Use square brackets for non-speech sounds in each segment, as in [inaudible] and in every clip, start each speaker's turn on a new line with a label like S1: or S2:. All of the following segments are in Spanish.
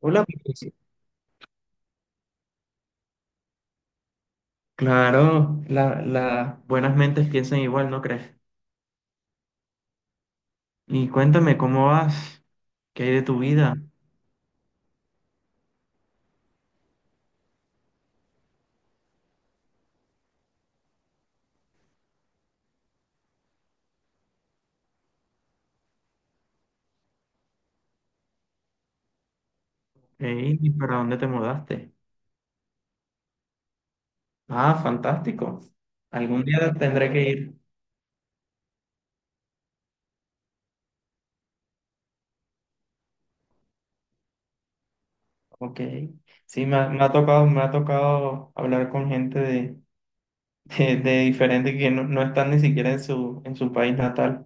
S1: Hola, Patricia. Claro, las buenas mentes piensan igual, ¿no crees? Y cuéntame, ¿cómo vas? ¿Qué hay de tu vida? ¿Y para dónde te mudaste? Ah, fantástico. Algún día tendré que ir. Ok. Sí, me ha tocado hablar con gente de, de diferente que no, no están ni siquiera en en su país natal.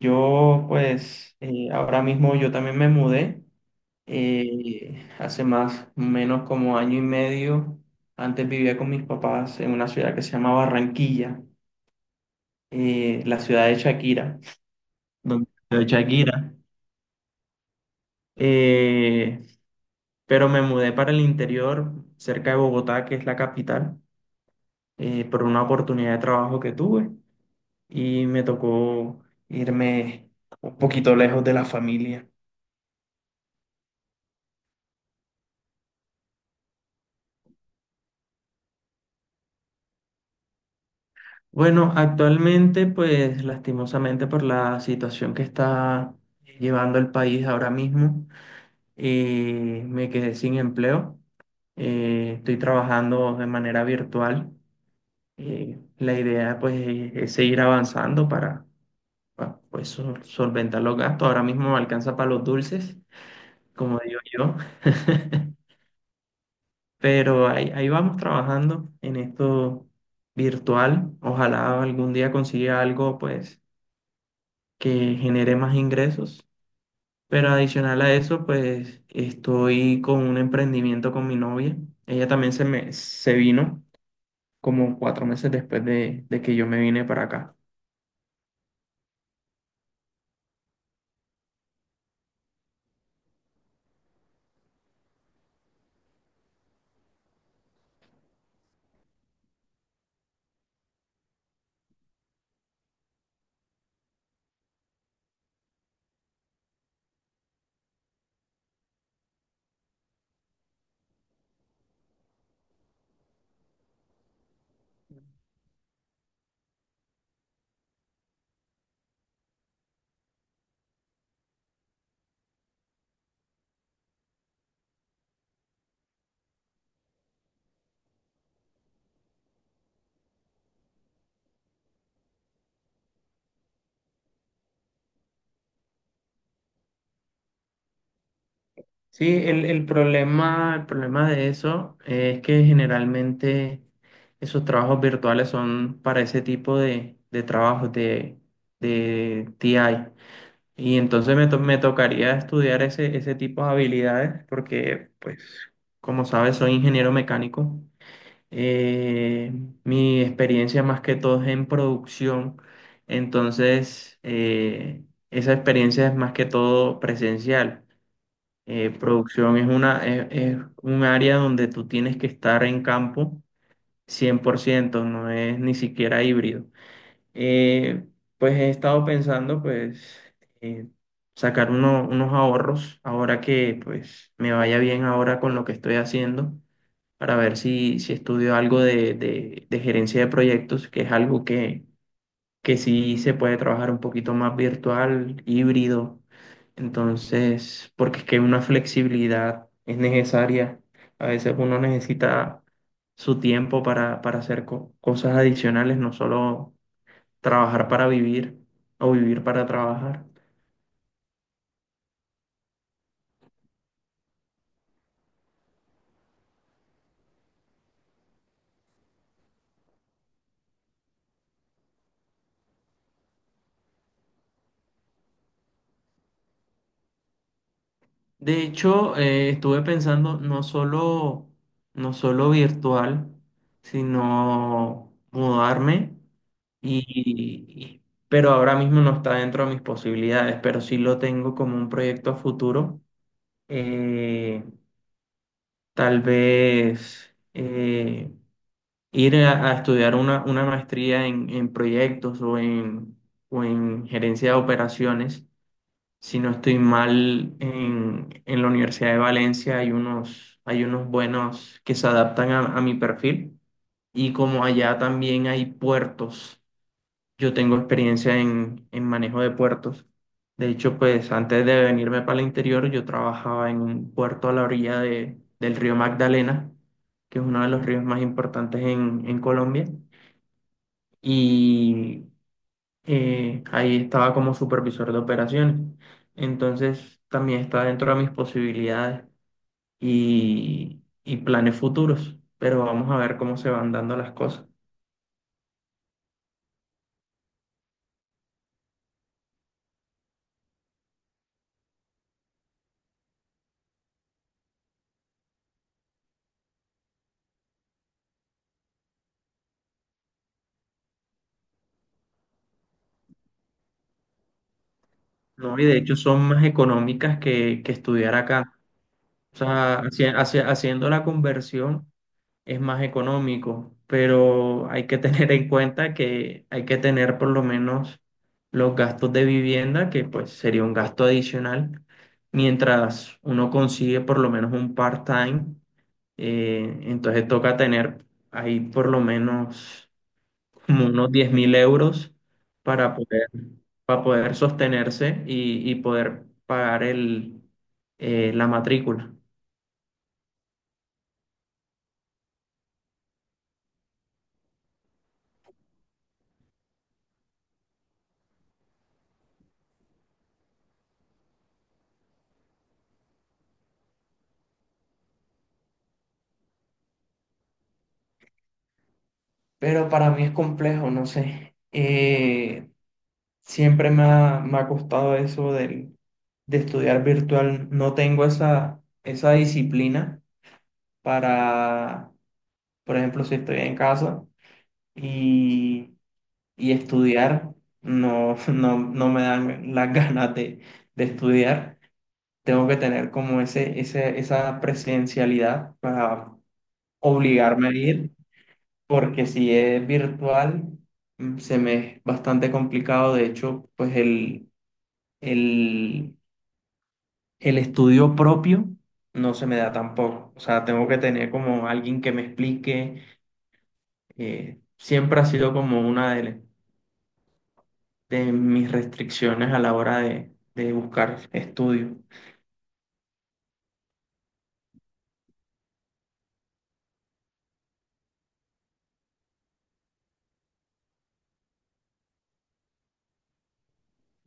S1: Yo, pues, ahora mismo yo también me mudé. Hace más o menos como año y medio, antes vivía con mis papás en una ciudad que se llama Barranquilla, la ciudad de Shakira, donde de Shakira. Eh, pero me mudé para el interior, cerca de Bogotá, que es la capital, por una oportunidad de trabajo que tuve y me tocó irme un poquito lejos de la familia. Bueno, actualmente, pues lastimosamente por la situación que está llevando el país ahora mismo, me quedé sin empleo. Estoy trabajando de manera virtual. La idea, pues, es seguir avanzando para, pues, solventar los gastos. Ahora mismo me alcanza para los dulces, como digo yo. [laughs] Pero ahí vamos trabajando en esto virtual. Ojalá algún día consiga algo, pues que genere más ingresos. Pero adicional a eso, pues estoy con un emprendimiento con mi novia. Ella también se vino como cuatro meses después de que yo me vine para acá. Sí, el problema de eso es que generalmente esos trabajos virtuales son para ese tipo de trabajos de TI. Y entonces me tocaría estudiar ese, ese tipo de habilidades porque, pues, como sabes, soy ingeniero mecánico. Eh, mi experiencia más que todo es en producción. Entonces, esa experiencia es más que todo presencial. Producción es una, es un área donde tú tienes que estar en campo cien por ciento, no es ni siquiera híbrido. Eh, pues he estado pensando, pues, eh, sacar unos ahorros ahora que, pues, me vaya bien ahora con lo que estoy haciendo, para ver si, si estudio algo de, de gerencia de proyectos, que es algo que sí se puede trabajar un poquito más virtual, híbrido. Entonces, porque es que una flexibilidad es necesaria. A veces uno necesita su tiempo para hacer cosas adicionales, no solo trabajar para vivir o vivir para trabajar. De hecho, estuve pensando no solo, no solo virtual, sino mudarme y, y- pero ahora mismo no está dentro de mis posibilidades, pero sí lo tengo como un proyecto a futuro. Eh, tal vez ir a estudiar una maestría en proyectos o en gerencia de operaciones. Si no estoy mal, en la Universidad de Valencia hay unos buenos que se adaptan a mi perfil, y como allá también hay puertos, yo tengo experiencia en manejo de puertos. De hecho, pues antes de venirme para el interior, yo trabajaba en un puerto a la orilla del río Magdalena, que es uno de los ríos más importantes en Colombia. Y ahí estaba como supervisor de operaciones. Entonces, también está dentro de mis posibilidades y planes futuros, pero vamos a ver cómo se van dando las cosas, ¿no? Y de hecho son más económicas que estudiar acá. O sea, haciendo la conversión es más económico, pero hay que tener en cuenta que hay que tener por lo menos los gastos de vivienda, que pues sería un gasto adicional, mientras uno consigue por lo menos un part-time, entonces toca tener ahí por lo menos como unos 10.000 euros para poder, para poder sostenerse y poder pagar la matrícula. Pero para mí es complejo, no sé. Siempre me ha costado eso del, de estudiar virtual. No tengo esa, esa disciplina para, por ejemplo, si estoy en casa y, y estudiar, no, [laughs] no, no me dan las [laughs] ganas de estudiar. Tengo que tener como ese, esa presencialidad para obligarme a ir. Porque si es virtual, se me es bastante complicado. De hecho, pues el, el estudio propio no se me da tampoco. O sea, tengo que tener como alguien que me explique. Siempre ha sido como una de mis restricciones a la hora de buscar estudio.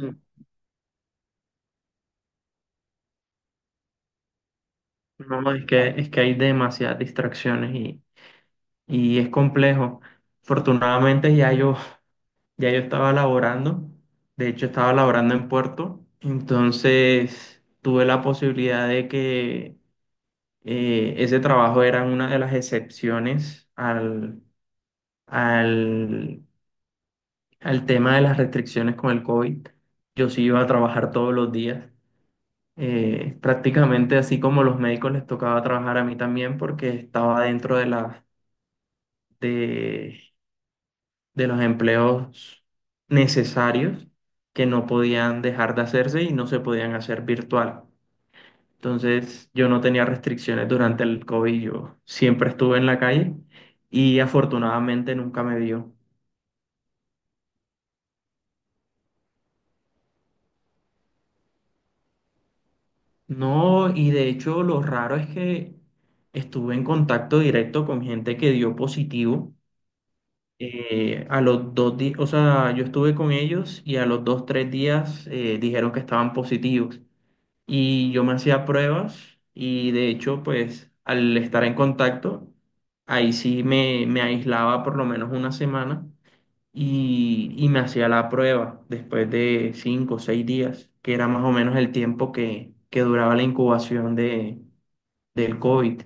S1: Mm, No, es que hay demasiadas distracciones y es complejo. Afortunadamente ya yo estaba laborando, de hecho estaba laborando en Puerto, entonces tuve la posibilidad de que ese trabajo era una de las excepciones al, al, al tema de las restricciones con el COVID. Yo sí iba a trabajar todos los días, prácticamente así como los médicos les tocaba trabajar, a mí también porque estaba dentro de las... de los empleos necesarios que no podían dejar de hacerse y no se podían hacer virtual. Entonces, yo no tenía restricciones durante el COVID, yo siempre estuve en la calle y afortunadamente nunca me dio. No, y de hecho lo raro es que estuve en contacto directo con gente que dio positivo. A los dos días, o sea, yo estuve con ellos y a los dos, tres días dijeron que estaban positivos. Y yo me hacía pruebas y de hecho, pues al estar en contacto, ahí sí me aislaba por lo menos una semana y me hacía la prueba después de cinco o seis días, que era más o menos el tiempo que duraba la incubación de, del COVID.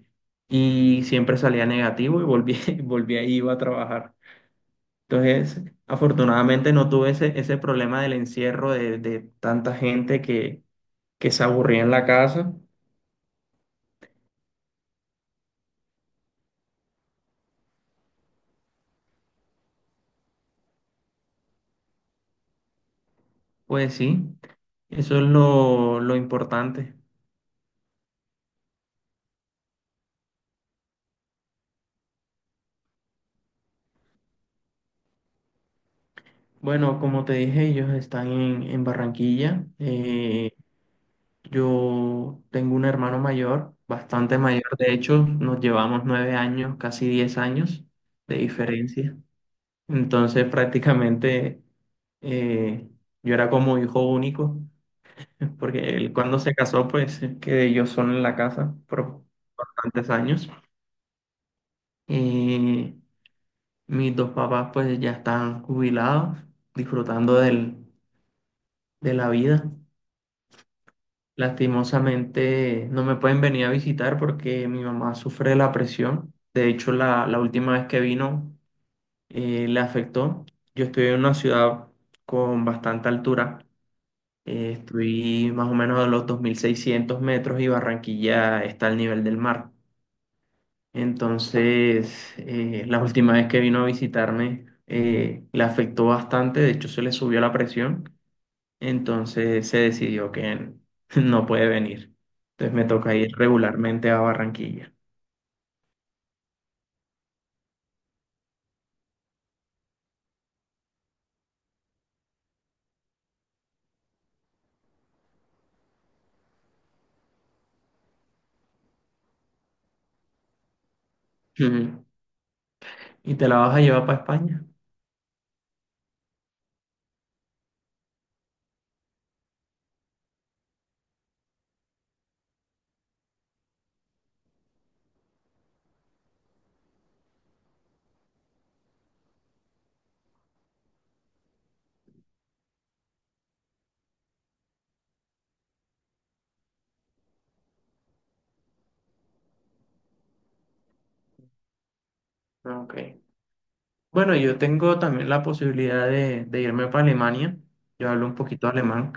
S1: Y siempre salía negativo y volví, [laughs] volví ahí iba a trabajar. Entonces, afortunadamente no tuve ese, ese problema del encierro de tanta gente que se aburría en la casa. Pues sí, eso es lo importante. Bueno, como te dije, ellos están en Barranquilla. Yo tengo un hermano mayor, bastante mayor. De hecho, nos llevamos nueve años, casi diez años de diferencia. Entonces, prácticamente eh, yo era como hijo único, [laughs] porque él cuando se casó, pues quedé yo solo en la casa por bastantes años. Eh, Mis dos papás pues ya están jubilados, disfrutando del, de la vida. Lastimosamente no me pueden venir a visitar porque mi mamá sufre de la presión. De hecho, la última vez que vino le afectó. Yo estoy en una ciudad con bastante altura. Estoy más o menos a los 2.600 metros y Barranquilla está al nivel del mar. Entonces, la última vez que vino a visitarme, le afectó bastante, de hecho se le subió la presión, entonces se decidió que [laughs] no puede venir. Entonces me toca ir regularmente a Barranquilla. Ujú. ¿Y te la vas a llevar para España? Ah, ok. Bueno, yo tengo también la posibilidad de irme para Alemania. Yo hablo un poquito alemán,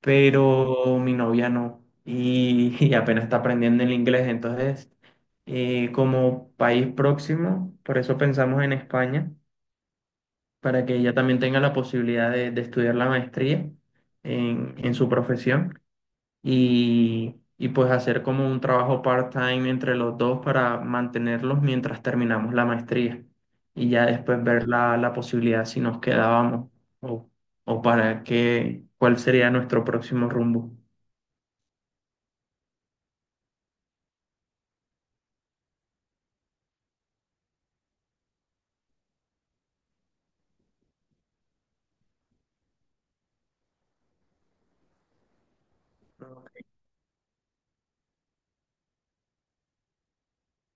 S1: pero mi novia no. Y, [laughs] y apenas está aprendiendo el inglés, entonces como país próximo, por eso pensamos en España, para que ella también tenga la posibilidad de estudiar la maestría en su profesión y pues hacer como un trabajo part-time entre los dos para mantenerlos mientras terminamos la maestría y ya después ver la, la posibilidad si nos quedábamos o, o para qué, cuál sería nuestro próximo rumbo.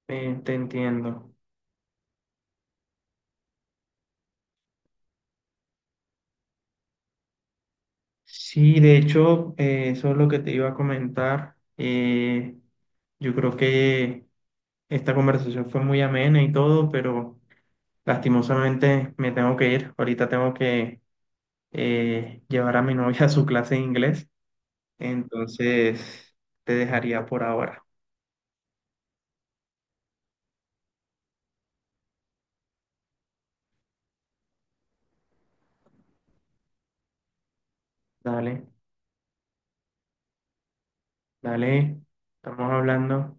S1: Te entiendo. Sí, de hecho, eso es lo que te iba a comentar. Yo creo que esta conversación fue muy amena y todo, pero lastimosamente me tengo que ir. Ahorita tengo que llevar a mi [laughs] novia a su clase de inglés. Entonces, te dejaría por ahora. Dale, dale, estamos hablando.